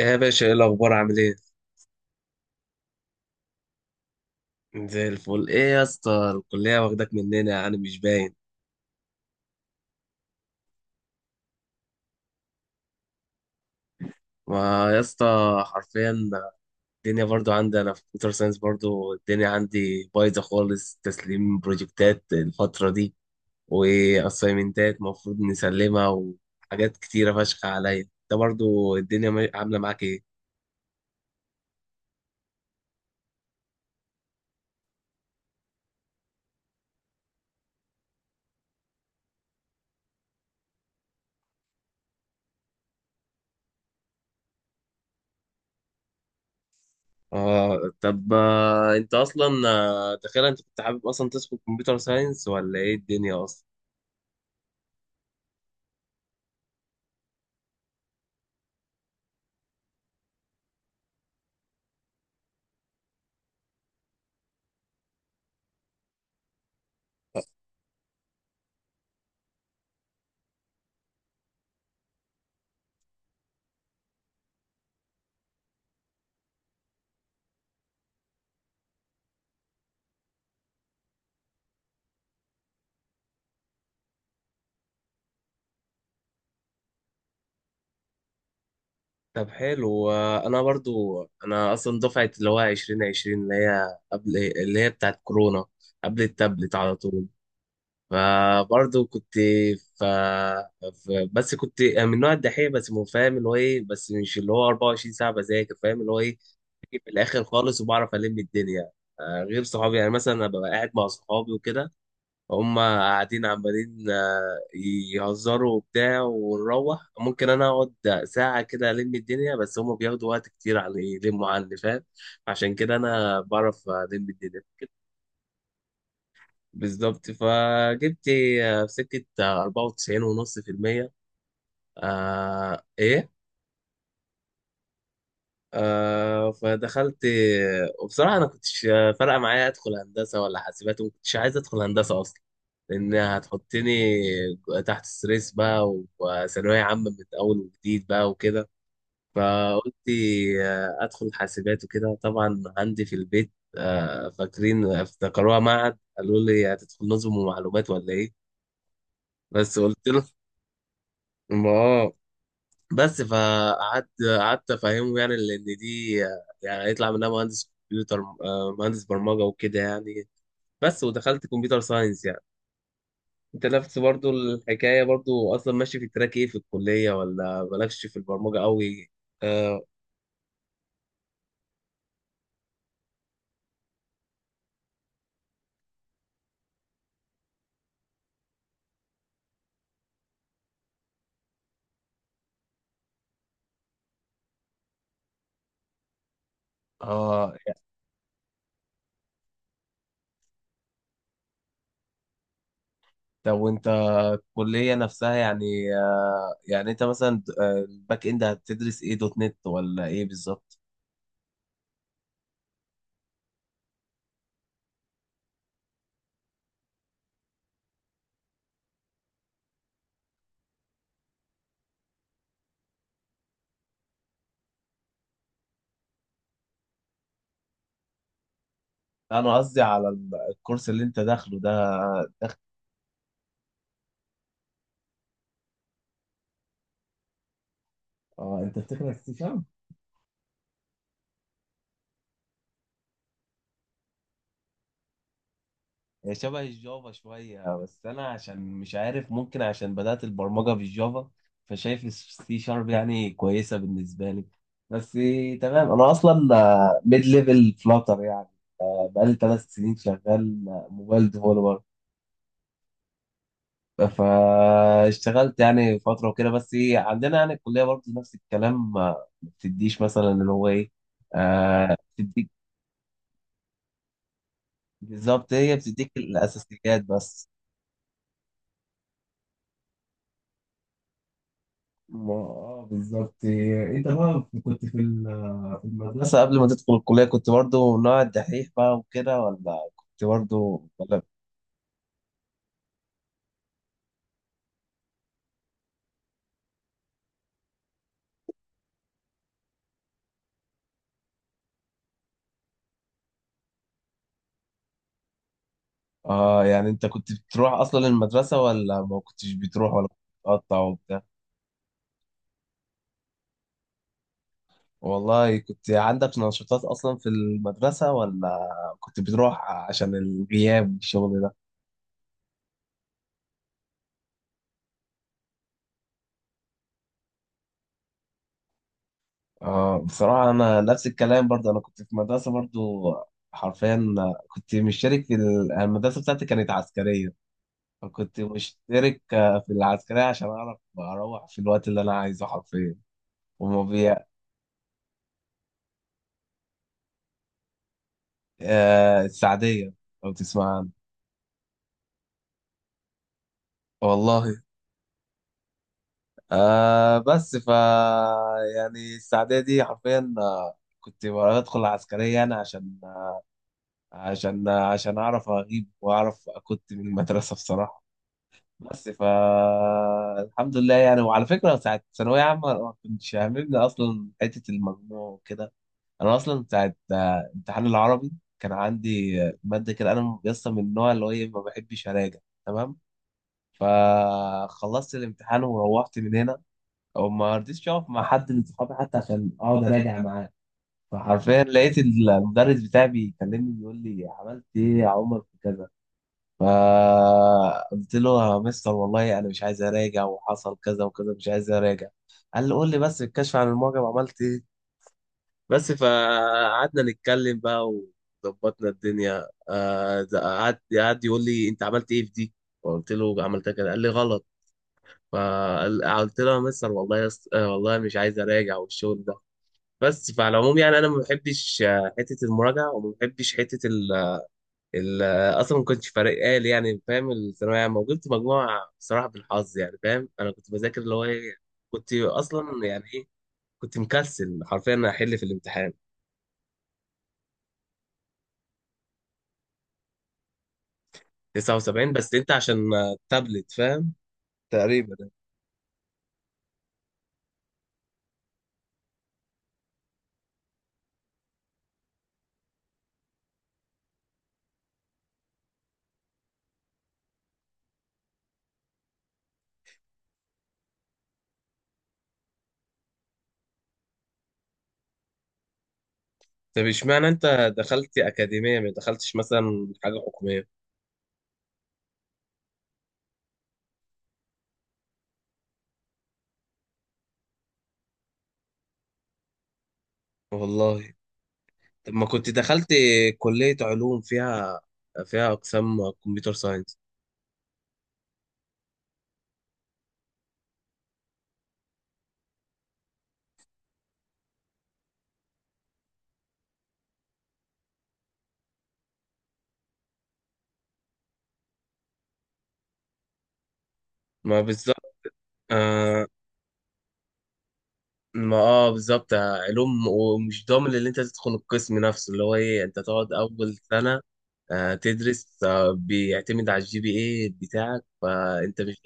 يا باشا، ايه الاخبار؟ عامل ايه؟ زي الفل، ايه يا اسطى؟ الكليه واخداك مننا يعني، مش باين. ما يا اسطى، حرفيا الدنيا برضو عندي انا في كمبيوتر ساينس، برضو الدنيا عندي بايظه خالص، تسليم بروجكتات الفتره دي واسايمنتات المفروض نسلمها وحاجات كتيره فشخ عليا. انت برضو الدنيا عامله معاك ايه؟ اه، طب، انت اصلا، تخيل، انت كنت حابب اصلا تدخل كمبيوتر ساينس ولا ايه الدنيا اصلا؟ طب حلو. انا برضو، انا دفعه اللي هو 2020، اللي هي قبل، اللي هي بتاعت كورونا، قبل التابلت على طول. فبرضو كنت ف... بس كنت من نوع الدحيح، بس مو فاهم اللي هو ايه، بس مش اللي هو 24 ساعه بذاكر، فاهم اللي هو ايه، في الاخر خالص. وبعرف الم الدنيا، غير صحابي. يعني مثلا أنا ببقى قاعد مع صحابي وكده، هم قاعدين عمالين يهزروا وبتاع ونروح. ممكن انا اقعد ساعة كده الم الدنيا، بس هم بياخدوا وقت كتير على يلموا عني، فاهم؟ عشان كده انا بعرف الم الدنيا. بالظبط، فجبت في سكة، 94 ونص في المية. آه ايه. آه، فدخلت. وبصراحة أنا كنتش فارقة معايا أدخل هندسة ولا حاسبات، وما كنتش عايز أدخل هندسة أصلا، لأن هتحطني تحت ستريس بقى وثانوية عامة من أول وجديد بقى وكده. فقلت أدخل حاسبات. وكده طبعا عندي في البيت، فاكرين افتكروها معهد، قالوا لي هتدخل نظم ومعلومات ولا إيه؟ بس قلت له، ما آه، بس فقعدت، قعدت افهمه يعني، لان دي يعني هيطلع منها مهندس كمبيوتر، مهندس برمجه وكده يعني. بس ودخلت كمبيوتر ساينس يعني. انت نفس برضو الحكايه برضو اصلا ماشي في التراك ايه في الكليه، ولا مالكش في البرمجه قوي؟ اه. اه، طب، وانت الكليه نفسها يعني، آه يعني انت مثلا، الباك اند هتدرس ايه؟ دوت نت ولا ايه بالظبط؟ انا قصدي على الكورس اللي انت داخله ده. اه، انت بتدرس سي. هي شبه الجافا شوية، بس أنا عشان مش عارف، ممكن عشان بدأت البرمجة في الجافا، فشايف السي شارب يعني كويسة بالنسبة لي. بس تمام. أنا أصلا ميد ليفل فلاتر يعني، بقالي 3 سنين شغال موبايل ديفولور. فاشتغلت يعني فترة وكده، بس عندنا يعني الكلية برضه نفس الكلام، ما بتديش مثلا اللي هو إيه، آه بتديك. بالظبط، هي بتديك الأساسيات بس. ما آه، بالظبط. انت بقى كنت في في المدرسة قبل ما تدخل الكلية، كنت برضو من نوع الدحيح بقى وكده، ولا كنت برضو ولا؟ اه، يعني انت كنت بتروح اصلا المدرسة، ولا ما كنتش بتروح، ولا كنت بتقطع وبتاع؟ والله كنت عندك نشاطات اصلا في المدرسة، ولا كنت بتروح عشان الغياب والشغل ده؟ اه، بصراحة انا نفس الكلام برضو. انا كنت في مدرسة برضو، حرفيا كنت مشترك في المدرسة بتاعتي كانت عسكرية، فكنت مشترك في العسكرية عشان أعرف أروح في الوقت اللي أنا عايزه حرفيا. وما بي... آه، السعدية، لو تسمع عنها. والله. آه، بس ف يعني السعدية دي حرفيا، كنت بدخل العسكرية أنا عشان، عشان أعرف أغيب وأعرف كنت من المدرسة بصراحة. بس ف الحمد لله يعني. وعلى فكرة ساعة ثانوية عامة ما كنتش هاممني أصلا حتة المجموع وكده. انا اصلا بتاعت امتحان العربي، كان عندي ماده كده، انا لسه من النوع اللي هو إيه، ما بحبش اراجع. تمام. فخلصت الامتحان وروحت من هنا، وما رضيتش اقف مع حد من صحابي حتى عشان اقعد اراجع معاه. فحرفيا لقيت المدرس بتاعي بيكلمني بيقول لي، عملت ايه يا عمر في كذا؟ فقلت له، يا مستر والله انا مش عايز اراجع، وحصل كذا وكذا، مش عايز اراجع. قال لي، قول لي بس الكشف عن المعجم عملت ايه. بس فقعدنا نتكلم بقى وظبطنا الدنيا. ده قعد يقول لي انت عملت ايه في دي، فقلت له عملتها كده، قال لي غلط. فقلت له، يا مستر والله يا اسطى، والله مش عايز اراجع والشغل ده. بس فعلى العموم يعني انا ما بحبش حته المراجعه، وما بحبش حته ال ال اصلا ما كنتش فارقه لي يعني، فاهم؟ الثانويه عامه، وجبت مجموعه بصراحه بالحظ يعني، فاهم؟ انا كنت بذاكر اللي هو ايه، كنت اصلا يعني ايه، كنت مكسل حرفيا احل في الامتحان. 79 بس انت عشان تابلت فاهم، تقريبا. طب اشمعنى انت دخلت اكاديميه، ما دخلتش مثلا حاجه حكوميه؟ والله. طب ما كنت دخلت كليه علوم، فيها اقسام كمبيوتر ساينس. ما بالظبط. آه. ما اه بالظبط، علوم، ومش ضامن اللي انت تدخل القسم نفسه، اللي هو ايه، انت تقعد اول سنه آه تدرس، آه بيعتمد على الجي بي اي بتاعك، فانت مش.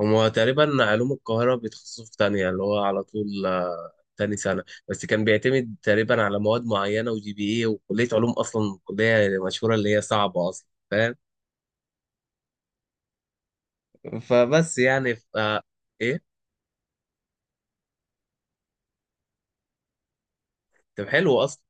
هما تقريبا علوم القاهرة بيتخصصوا في تانية اللي هو على طول، تاني سنة بس، كان بيعتمد تقريبا على مواد معينة وجي بي ايه. وكلية علوم أصلا كلية مشهورة اللي هي صعبة أصلا، فاهم؟ فبس يعني ف... آه، ايه. طب حلو أصلا.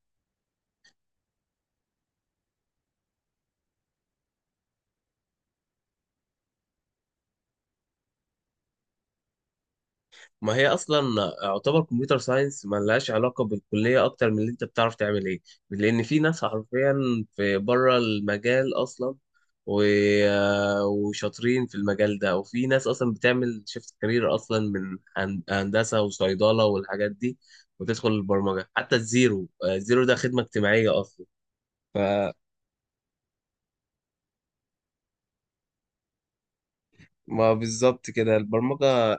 ما هي اصلا يعتبر كمبيوتر ساينس ما لهاش علاقه بالكليه اكتر من اللي انت بتعرف تعمل ايه. لان في ناس حرفيا في بره المجال اصلا و... وشاطرين في المجال ده، وفي ناس اصلا بتعمل شيفت كارير اصلا من هندسه وصيدله والحاجات دي، وتدخل البرمجه حتى الزيرو. الزيرو ده خدمه اجتماعيه اصلا. فما بالظبط كده البرمجه.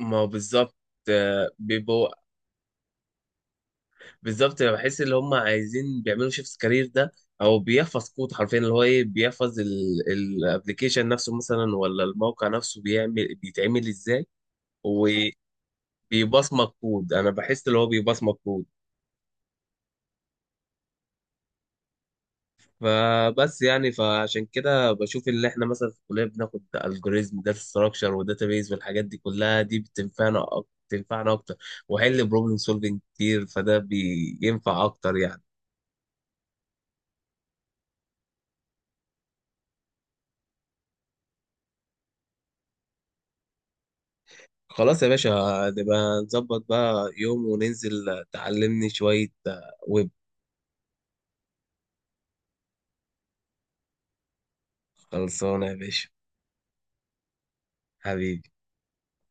ما بالظبط، بيبقوا. بالظبط، بحس ان هم عايزين بيعملوا شيفت كارير ده، او بيحفظ كود حرفيا اللي هو ايه، بيحفظ الابلكيشن نفسه مثلا، ولا الموقع نفسه بيعمل بيتعمل ازاي. وبيبصمج كود، انا بحس اللي هو بيبصمج كود. فبس يعني فعشان كده بشوف اللي احنا مثلا في الكليه بناخد الجوريزم داتا ستراكشر وداتابيز والحاجات دي كلها، دي بتنفعنا بتنفعنا اكتر، وحل بروبلم سولفنج كتير، فده بينفع اكتر يعني. خلاص يا باشا. نبقى نظبط بقى يوم وننزل تعلمني شوية ويب. خلصانة يا باشا. حبيبي.